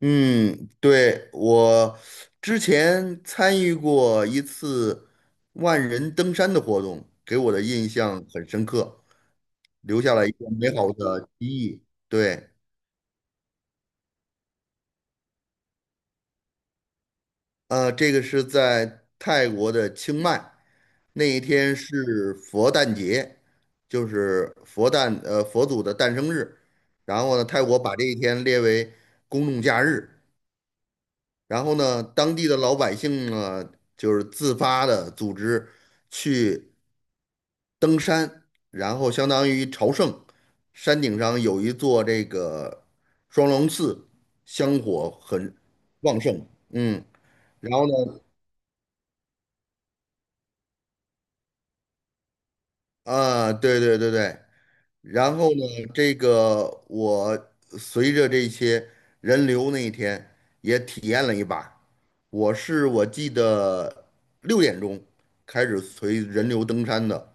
嗯，对，我之前参与过一次万人登山的活动，给我的印象很深刻，留下了一个美好的记忆。对，这个是在泰国的清迈，那一天是佛诞节，就是佛诞，佛祖的诞生日。然后呢，泰国把这一天列为公众假日，然后呢，当地的老百姓呢，就是自发的组织去，然后相当于朝圣，山顶上有一座这个双龙寺，香火很旺盛，然后呢，啊，对对对对，然后呢，这个我随着这些人流那一天也体验了一把，我记得6点钟开始随人流登山的。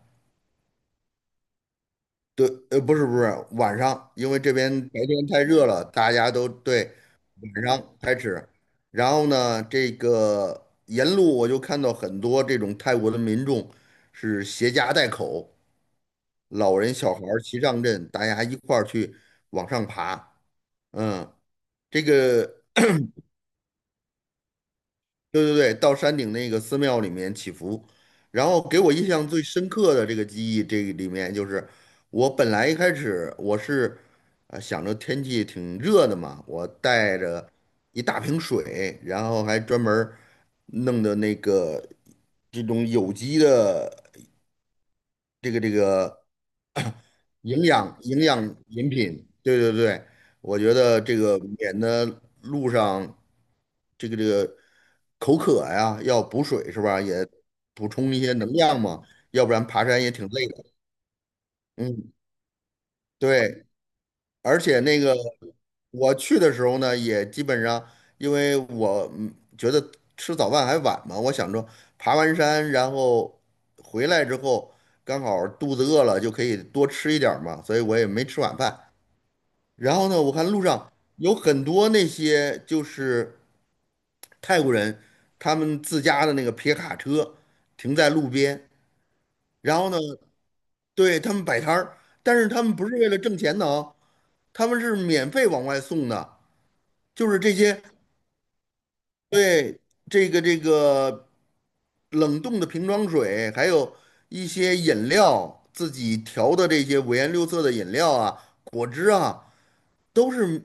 对，不是不是，晚上，因为这边白天太热了，大家都对晚上开始。然后呢，这个沿路我就看到很多这种泰国的民众是携家带口，老人小孩儿齐上阵，大家一块儿去往上爬。嗯，这个对对对，到山顶那个寺庙里面祈福，然后给我印象最深刻的这个记忆，这个里面就是我本来一开始我是啊想着天气挺热的嘛，我带着一大瓶水，然后还专门儿弄的那个这种有机的这个这个。营养饮品，对对对，我觉得这个免得路上这个这个口渴呀，要补水是吧？也补充一些能量嘛，要不然爬山也挺累的。嗯，对，而且那个我去的时候呢，也基本上因为我觉得吃早饭还晚嘛，我想着爬完山然后回来之后刚好肚子饿了就可以多吃一点儿嘛，所以我也没吃晚饭。然后呢，我看路上有很多那些就是泰国人，他们自家的那个皮卡车停在路边，然后呢，对他们摆摊儿，但是他们不是为了挣钱的啊，他们是免费往外送的，就是这些，对，这个冷冻的瓶装水，还有一些饮料，自己调的这些五颜六色的饮料啊、果汁啊，都是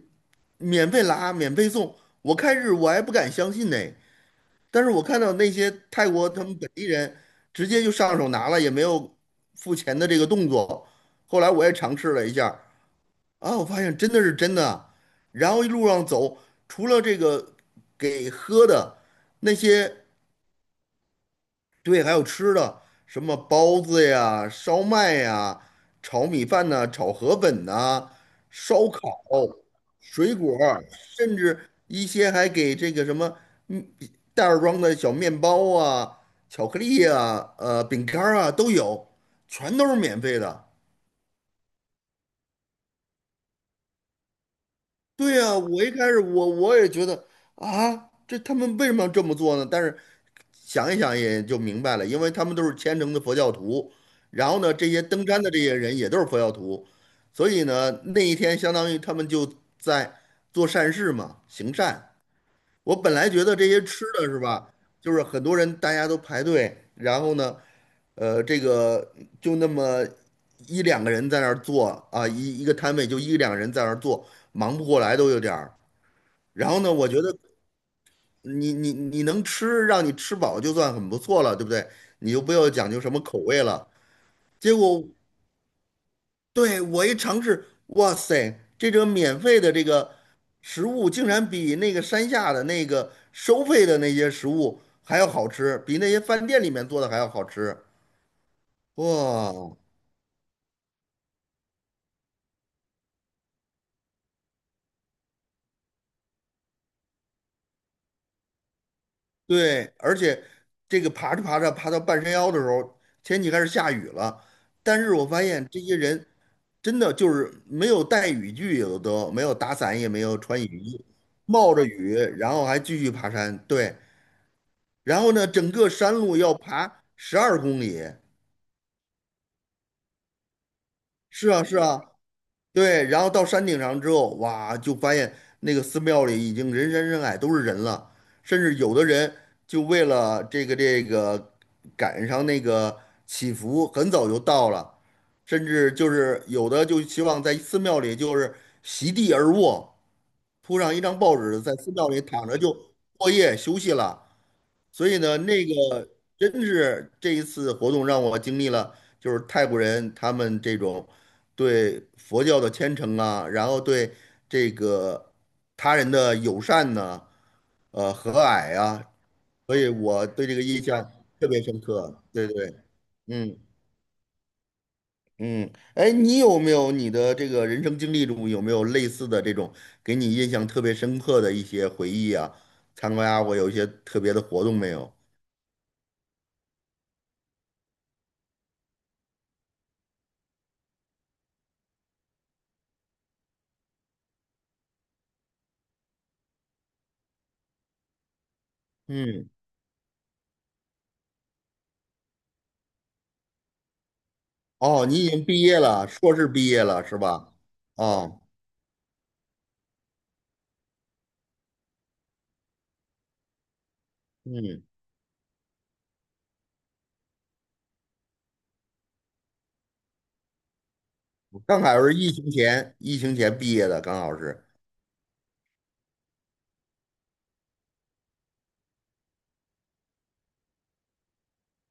免费拿，免费送。我开始我还不敢相信呢，但是我看到那些泰国他们本地人直接就上手拿了，也没有付钱的这个动作。后来我也尝试了一下，啊，我发现真的是真的啊。然后一路上走，除了这个给喝的那些对，还有吃的，什么包子呀、烧麦呀、炒米饭呐、炒河粉呐、烧烤、水果儿甚至一些还给这个什么嗯袋儿装的小面包啊、巧克力啊、饼干儿啊都有，全都是免费的。对呀，我一开始我也觉得啊，这他们为什么要这么做呢？但是想一想也就明白了，因为他们都是虔诚的佛教徒，然后呢，这些登山的这些人也都是佛教徒，所以呢，那一天相当于他们就在做善事嘛，行善。我本来觉得这些吃的是吧，就是很多人大家都排队，然后呢，呃，这个就那么一两个人在那儿做啊，一个摊位就一两个人在那儿做，忙不过来都有点儿。然后呢，我觉得你能吃，让你吃饱就算很不错了，对不对？你就不要讲究什么口味了。结果，对，我一尝试，哇塞，这个免费的这个食物竟然比那个山下的那个收费的那些食物还要好吃，比那些饭店里面做的还要好吃。哇，对，而且这个爬着爬着爬到半山腰的时候，天气开始下雨了，但是我发现这些人，真的就是没有带雨具，有的都没有打伞，也没有穿雨衣，冒着雨，然后还继续爬山。对，然后呢，整个山路要爬12公里。是啊，是啊，对。然后到山顶上之后，哇，就发现那个寺庙里已经人山人海，都是人了。甚至有的人就为了这个赶上那个祈福，很早就到了。甚至就是有的就希望在寺庙里就是席地而卧。铺上一张报纸，在寺庙里躺着就过夜休息了。所以呢，那个真是这一次活动让我经历了，就是泰国人他们这种对佛教的虔诚啊，然后对这个他人的友善呐、和蔼啊，所以我对这个印象特别深刻。对对，嗯。嗯，哎，你有没有你的这个人生经历中有没有类似的这种给你印象特别深刻的一些回忆啊？参加过有一些特别的活动没有？嗯，哦，你已经毕业了，硕士毕业了是吧？哦，嗯，刚好是疫情前，疫情前毕业的，刚好是。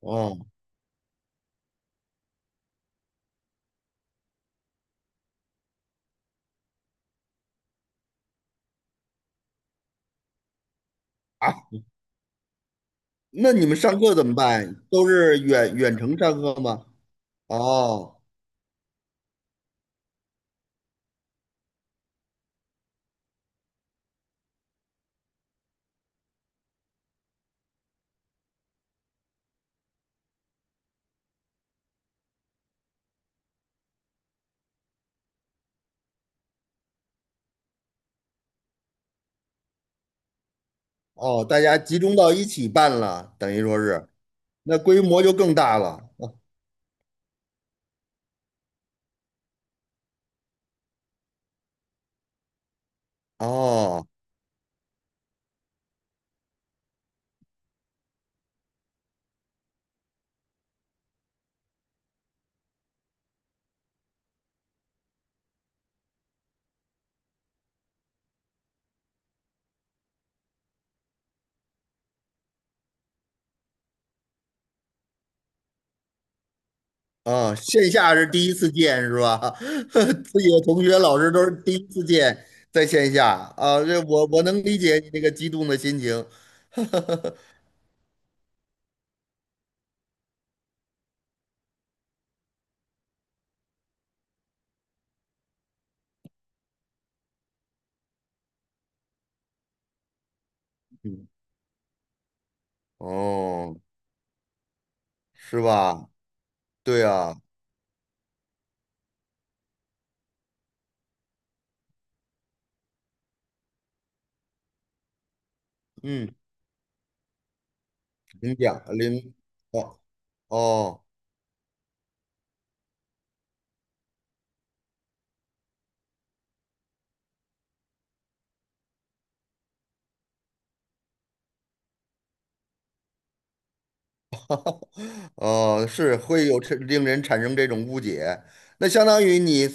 哦，啊，那你们上课怎么办？都是远程上课吗？哦，哦，大家集中到一起办了，等于说是，那规模就更大了。哦。啊，线下是第一次见是吧？自己的同学、老师都是第一次见，在线下啊，这我能理解你那个激动的心情。嗯哦，是吧？对啊，嗯，领奖领哦哦哦，是会有这令人产生这种误解。那相当于你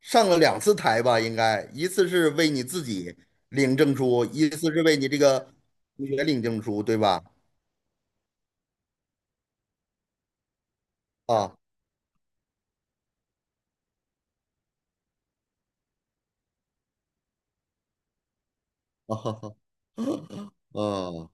上了两次台吧？应该一次是为你自己领证书，一次是为你这个同学领证书，对吧？啊。啊哈哈，哦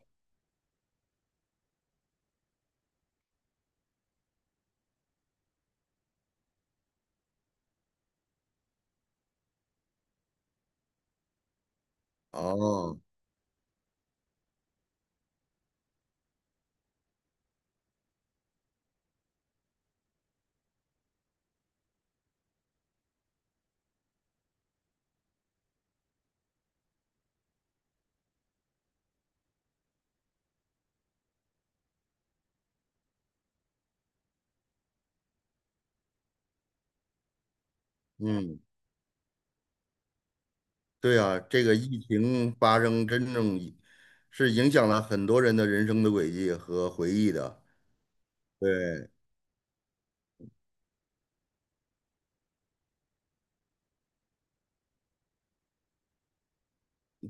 哦，嗯，对啊，这个疫情发生真正影响了很多人的人生的轨迹和回忆的。对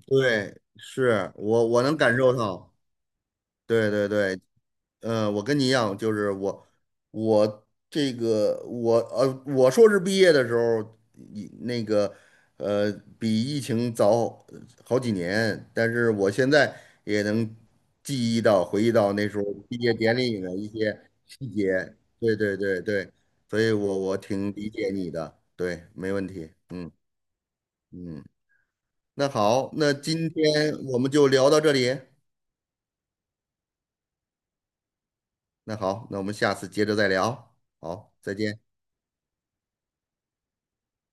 对，是我能感受到。对对对，我跟你一样，就是我，我这个我呃，我硕士毕业的时候，一那个呃，比疫情早好几年，但是我现在也能记忆到、回忆到那时候毕业典礼的一些细节。对对对对，所以我挺理解你的，对，没问题。嗯，那好，那今天我们就聊到这里。那好，那我们下次接着再聊。好，再见。